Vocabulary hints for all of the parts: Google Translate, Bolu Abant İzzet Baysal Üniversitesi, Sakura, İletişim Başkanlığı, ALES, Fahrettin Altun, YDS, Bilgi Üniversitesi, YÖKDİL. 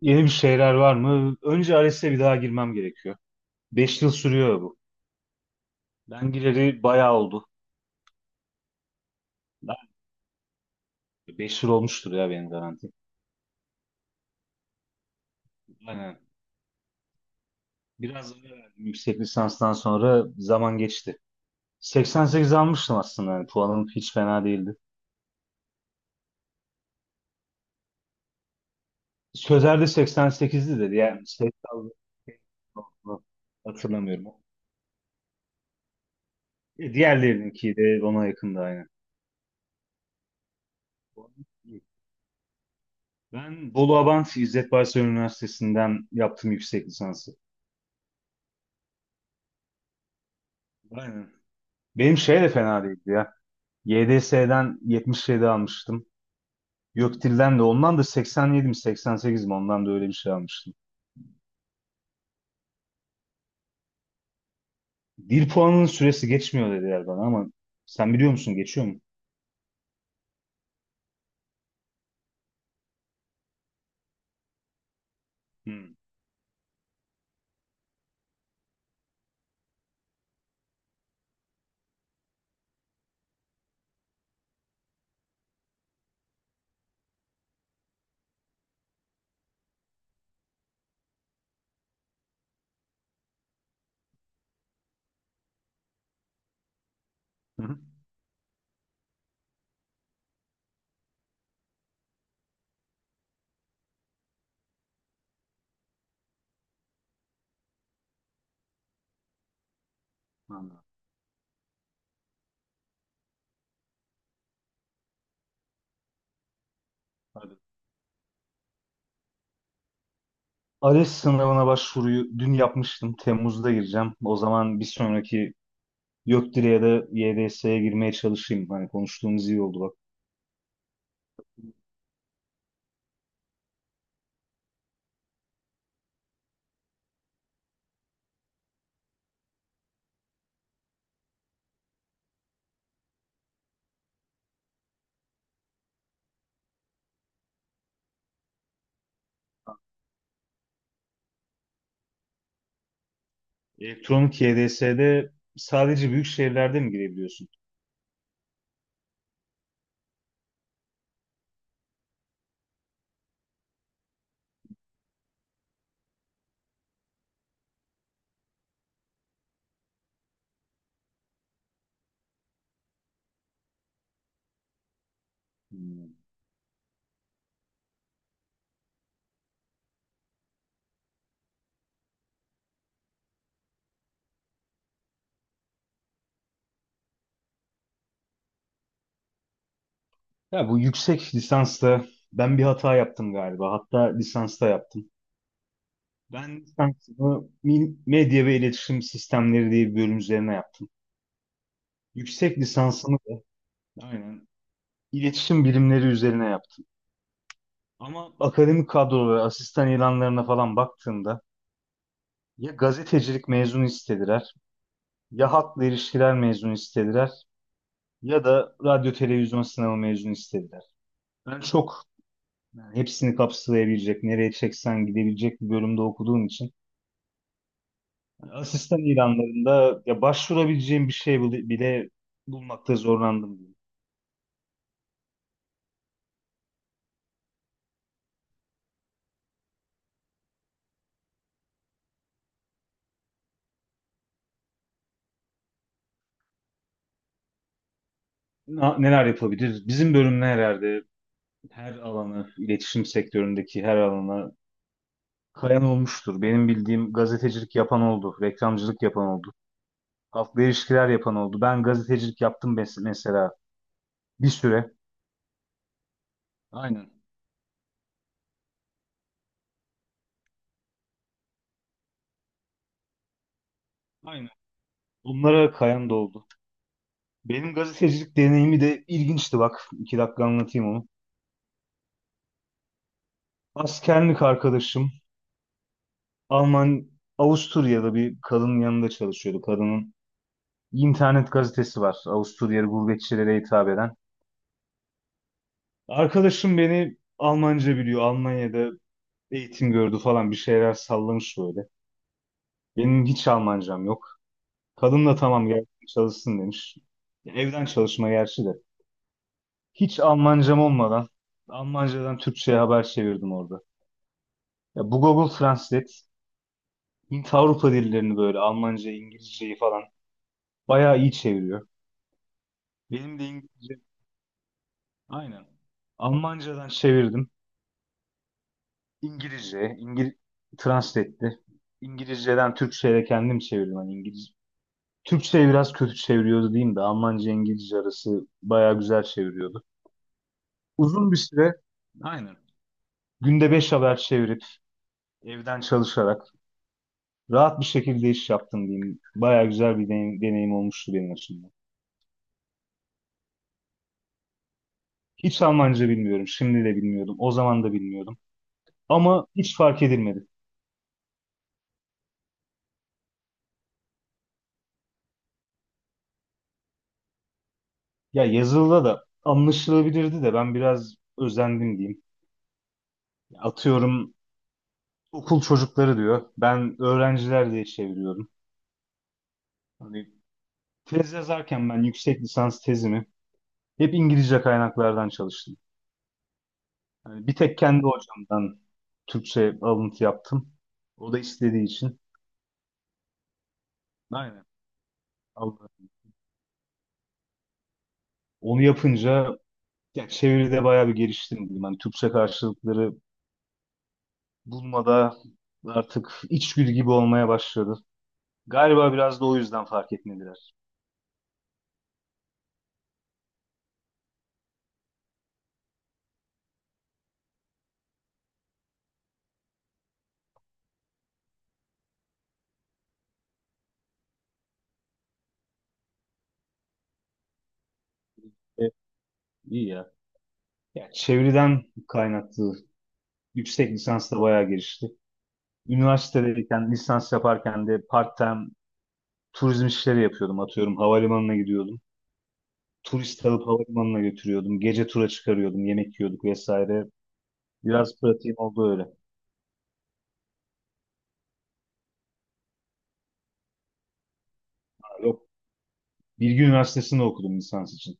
Yeni bir şeyler var mı? Önce ALES'e bir daha girmem gerekiyor. 5 yıl sürüyor bu. Ben gireli bayağı oldu. 5 yıl olmuştur ya benim garanti. Aynen. Biraz ara verdim yüksek lisanstan sonra zaman geçti. 88 almıştım aslında. Yani puanım hiç fena değildi. Sözer'de 88'di dedi. Yani 80, hatırlamıyorum. Diğerlerinki de ona yakındı aynı. Ben Bolu Abant İzzet Baysal Üniversitesi'nden yaptım yüksek lisansı. Aynen. Benim şey de fena değildi ya. YDS'den 77 almıştım. YÖKDİL'den de ondan da 87 mi 88 mi ondan da öyle bir şey almıştım. Dil puanının süresi geçmiyor dediler bana, ama sen biliyor musun, geçiyor mu? Hmm. Hı hı. Anladım. Hadi. ALES sınavına başvuruyu dün yapmıştım. Temmuz'da gireceğim. O zaman bir sonraki YÖKDİL'e ya da YDS'ye girmeye çalışayım. Hani konuştuğumuz iyi oldu bak. Elektronik YDS'de sadece büyük şehirlerde mi girebiliyorsun? Hmm. Ya bu yüksek lisansta ben bir hata yaptım galiba. Hatta lisansta yaptım. Ben lisansımı medya ve iletişim sistemleri diye bir bölüm üzerine yaptım. Yüksek lisansımı da aynen iletişim bilimleri üzerine yaptım. Ama akademik kadrolara, asistan ilanlarına falan baktığımda ya gazetecilik mezunu istediler, ya halkla ilişkiler mezunu istediler, ya da radyo televizyon sınavı mezunu istediler. Ben çok, yani hepsini kapsayabilecek, nereye çeksen gidebilecek bir bölümde okuduğum için asistan ilanlarında ya başvurabileceğim bir şey bile bulmakta zorlandım, diyeyim. Neler yapabilir? Bizim bölüm herhalde her alanı, iletişim sektöründeki her alana kayan olmuştur. Benim bildiğim gazetecilik yapan oldu, reklamcılık yapan oldu, halkla ilişkiler yapan oldu. Ben gazetecilik yaptım mesela bir süre. Aynen. Aynen. Bunlara kayan da oldu. Benim gazetecilik deneyimi de ilginçti bak. 2 dakika anlatayım onu. Askerlik arkadaşım Alman Avusturya'da bir kadının yanında çalışıyordu. Kadının internet gazetesi var. Avusturyalı gurbetçilere hitap eden. Arkadaşım beni Almanca biliyor. Almanya'da eğitim gördü falan bir şeyler sallamış böyle. Benim hiç Almancam yok. Kadın da tamam gel çalışsın demiş. Evden çalışma gerçi de. Hiç Almancam olmadan Almancadan Türkçe'ye haber çevirdim orada. Ya bu Google Translate Hint Avrupa dillerini böyle Almanca, İngilizceyi falan bayağı iyi çeviriyor. Benim de İngilizce, aynen, Almancadan çevirdim. İngilizce translate etti. İngilizceden Türkçe'ye de kendim çevirdim. Hani İngiliz Türkçe'yi biraz kötü çeviriyordu diyeyim de Almanca İngilizce arası bayağı güzel çeviriyordu. Uzun bir süre, aynen, günde 5 haber çevirip evden çalışarak rahat bir şekilde iş yaptım, diyeyim. Bayağı güzel bir deneyim, deneyim olmuştu benim açımdan. Hiç Almanca bilmiyorum. Şimdi de bilmiyordum. O zaman da bilmiyordum. Ama hiç fark edilmedi. Ya yazılıda da anlaşılabilirdi de ben biraz özendim, diyeyim. Atıyorum okul çocukları diyor. Ben öğrenciler diye çeviriyorum. Hani tez yazarken ben yüksek lisans tezimi hep İngilizce kaynaklardan çalıştım. Hani bir tek kendi hocamdan Türkçe alıntı yaptım. O da istediği için. Aynen. Aldı. Onu yapınca ya çeviride bayağı bir geliştim, diyeyim. Hani Türkçe karşılıkları bulmada artık içgüdü gibi olmaya başladı. Galiba biraz da o yüzden fark etmediler. Evet, iyi ya. Ya çeviriden kaynaklı yüksek lisans da bayağı gelişti. Üniversitedeyken lisans yaparken de part-time turizm işleri yapıyordum. Atıyorum havalimanına gidiyordum. Turist alıp havalimanına götürüyordum. Gece tura çıkarıyordum. Yemek yiyorduk vesaire. Biraz pratiğim oldu öyle. Yok. Bilgi Üniversitesi'nde okudum lisans için.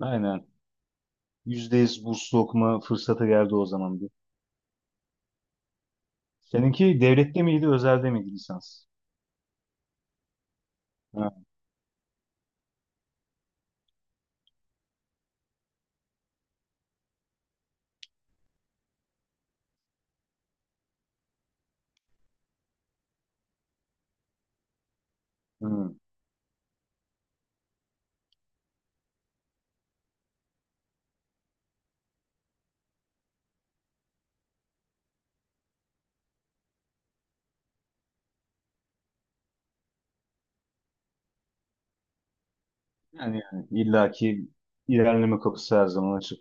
Aynen. %100 burslu okuma fırsatı geldi o zaman bir. Seninki devlette miydi, özelde miydi lisans? Ha, hı. Yani illaki ilerleme kapısı her zaman açık.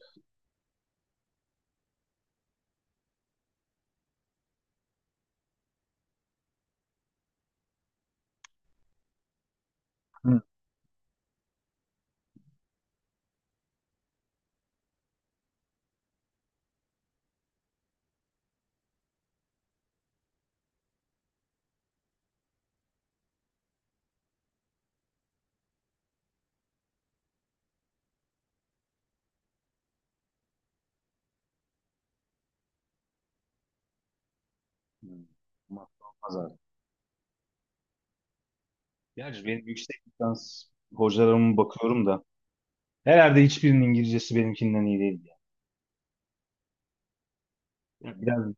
Hı. Hı. Madde olmaz abi. Gerçi benim yüksek lisans hocalarıma bakıyorum da herhalde hiçbirinin İngilizcesi benimkinden iyi değil, ya. Ya biraz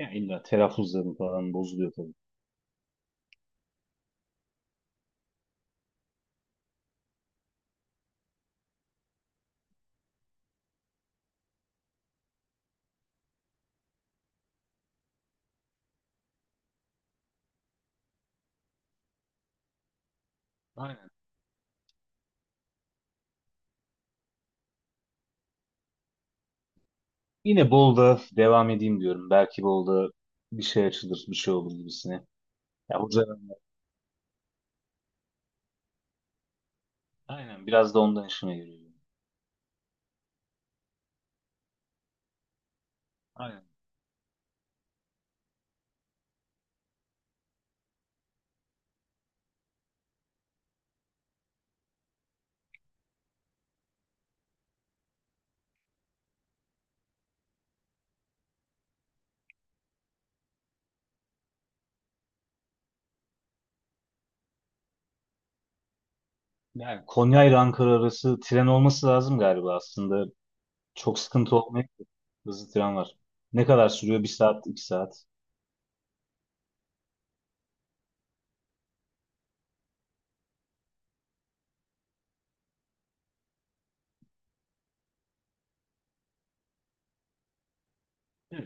ya illa telaffuzları falan bozuluyor tabii. Aynen. Yine Bolu'da devam edeyim diyorum. Belki Bolu'da bir şey açılır, bir şey olur gibisine. Ya hocalarım. Aynen. Biraz da ondan işime geliyor. Aynen. Yani Konya ile Ankara arası tren olması lazım galiba aslında. Çok sıkıntı olmayabilir. Hızlı tren var. Ne kadar sürüyor? Bir saat, iki saat.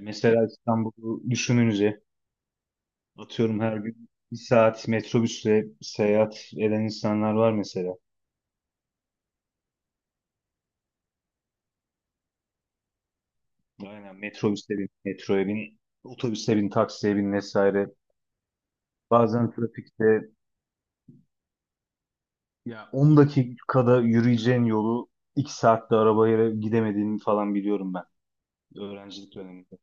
Mesela İstanbul'u düşününce atıyorum her gün bir saat metrobüsle seyahat eden insanlar var mesela. Aynen metrobüse bin, metroya bin, otobüse bin, taksiye bin vesaire. Bazen trafikte ya 10 dakikada yürüyeceğin yolu 2 saatte arabaya gidemediğini falan biliyorum ben öğrencilik döneminde.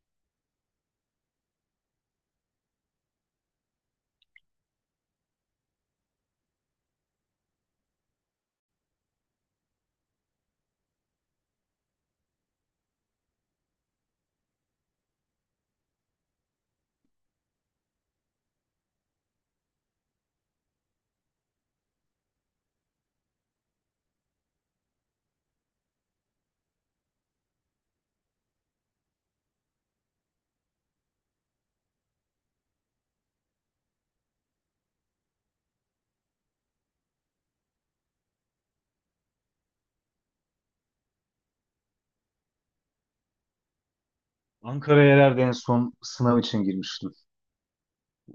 Ankara'ya herhalde en son sınav için girmiştim.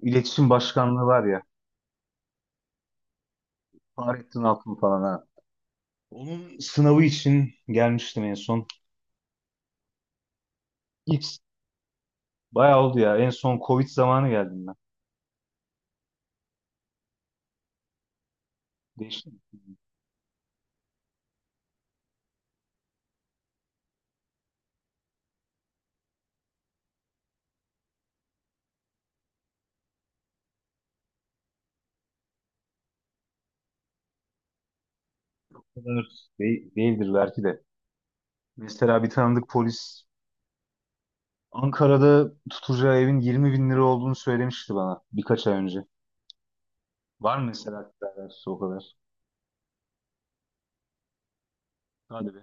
İletişim Başkanlığı var ya, Fahrettin Altun falan, ha. Onun sınavı için gelmiştim en son. İlk Bayağı oldu ya. En son Covid zamanı geldim ben. Değişti mi? Bu kadar değildir belki de. Mesela bir tanıdık polis Ankara'da tutacağı evin 20 bin lira olduğunu söylemişti bana birkaç ay önce. Var mı mesela alakası o kadar? Hadi be.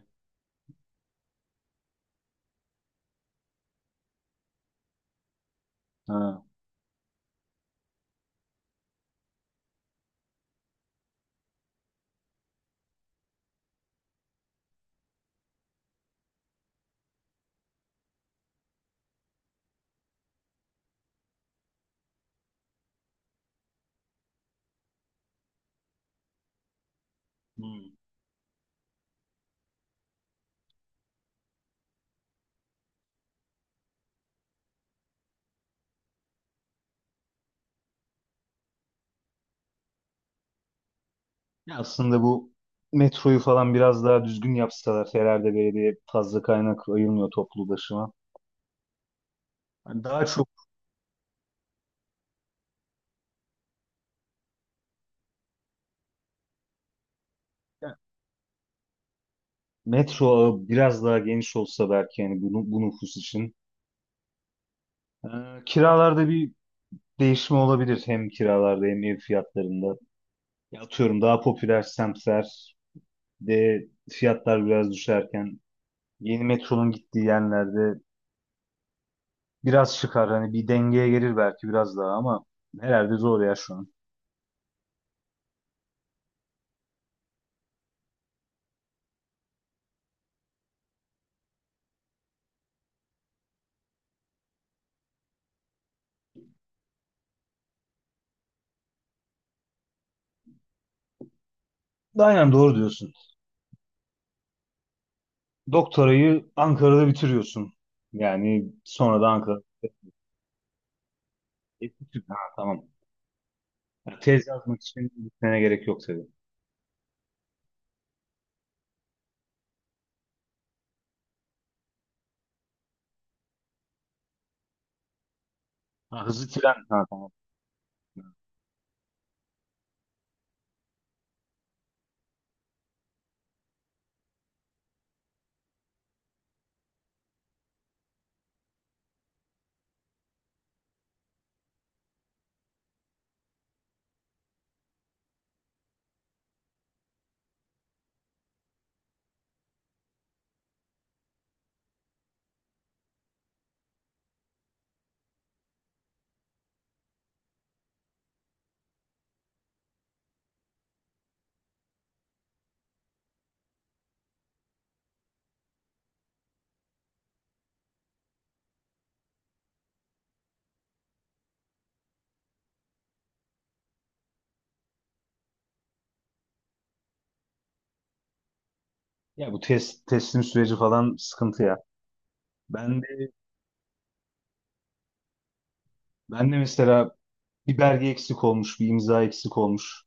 Ha. Hmm. Ya aslında bu metroyu falan biraz daha düzgün yapsalar herhalde belediye fazla kaynak ayırmıyor toplu ulaşıma. Hani daha çok ya, metro ağı biraz daha geniş olsa belki yani bu nüfus için. Ee, Kiralarda bir değişimi olabilir hem kiralarda hem ev fiyatlarında. Ya atıyorum daha popüler semtler de fiyatlar biraz düşerken yeni metronun gittiği yerlerde biraz çıkar. Hani bir dengeye gelir belki biraz daha ama herhalde zor ya şu an. Aynen doğru diyorsun. Doktorayı Ankara'da bitiriyorsun. Yani sonra da Ankara. Ha, tamam. Ya, tez yazmak için gitmene gerek yok tabii. Ha, hızlı tren. Ha, tamam. Ya bu teslim süreci falan sıkıntı ya. Ben de, ben de mesela bir belge eksik olmuş, bir imza eksik olmuş.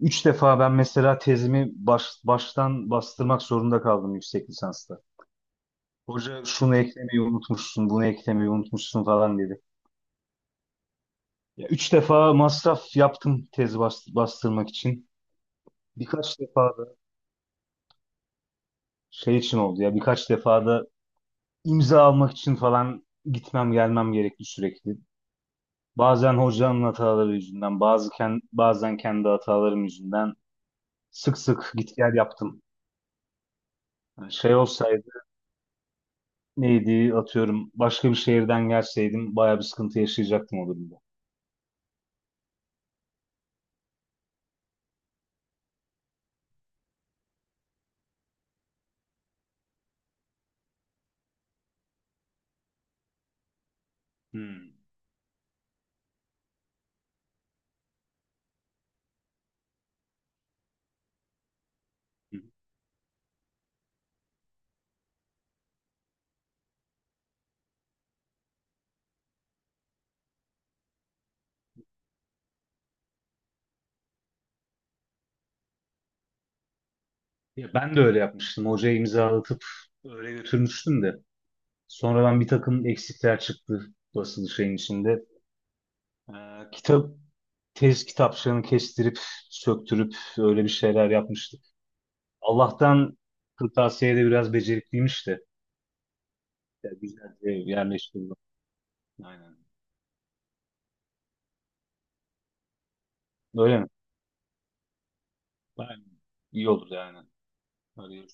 Üç defa ben mesela tezimi baştan bastırmak zorunda kaldım yüksek lisansta. Hoca şunu eklemeyi unutmuşsun, bunu eklemeyi unutmuşsun falan dedi. Ya üç defa masraf yaptım tez bastırmak için. Birkaç defa da şey için oldu ya, birkaç defa da imza almak için falan gitmem gelmem gerekti sürekli. Bazen hocanın hataları yüzünden, bazen kendi hatalarım yüzünden sık sık git gel yaptım. Yani şey olsaydı neydi atıyorum başka bir şehirden gelseydim bayağı bir sıkıntı yaşayacaktım o durumda. Hmm. Ya ben de öyle yapmıştım. Hocaya imzalatıp öyle götürmüştüm de. Sonradan bir takım eksikler çıktı basılı şeyin içinde. Kitap Tez kitapçığını kestirip söktürüp öyle bir şeyler yapmıştık. Allah'tan kırtasiyede biraz becerikliymiş de. Ya güzelce yerleştirdim. Aynen. Öyle mi? Aynen. İyi olur yani. Öyle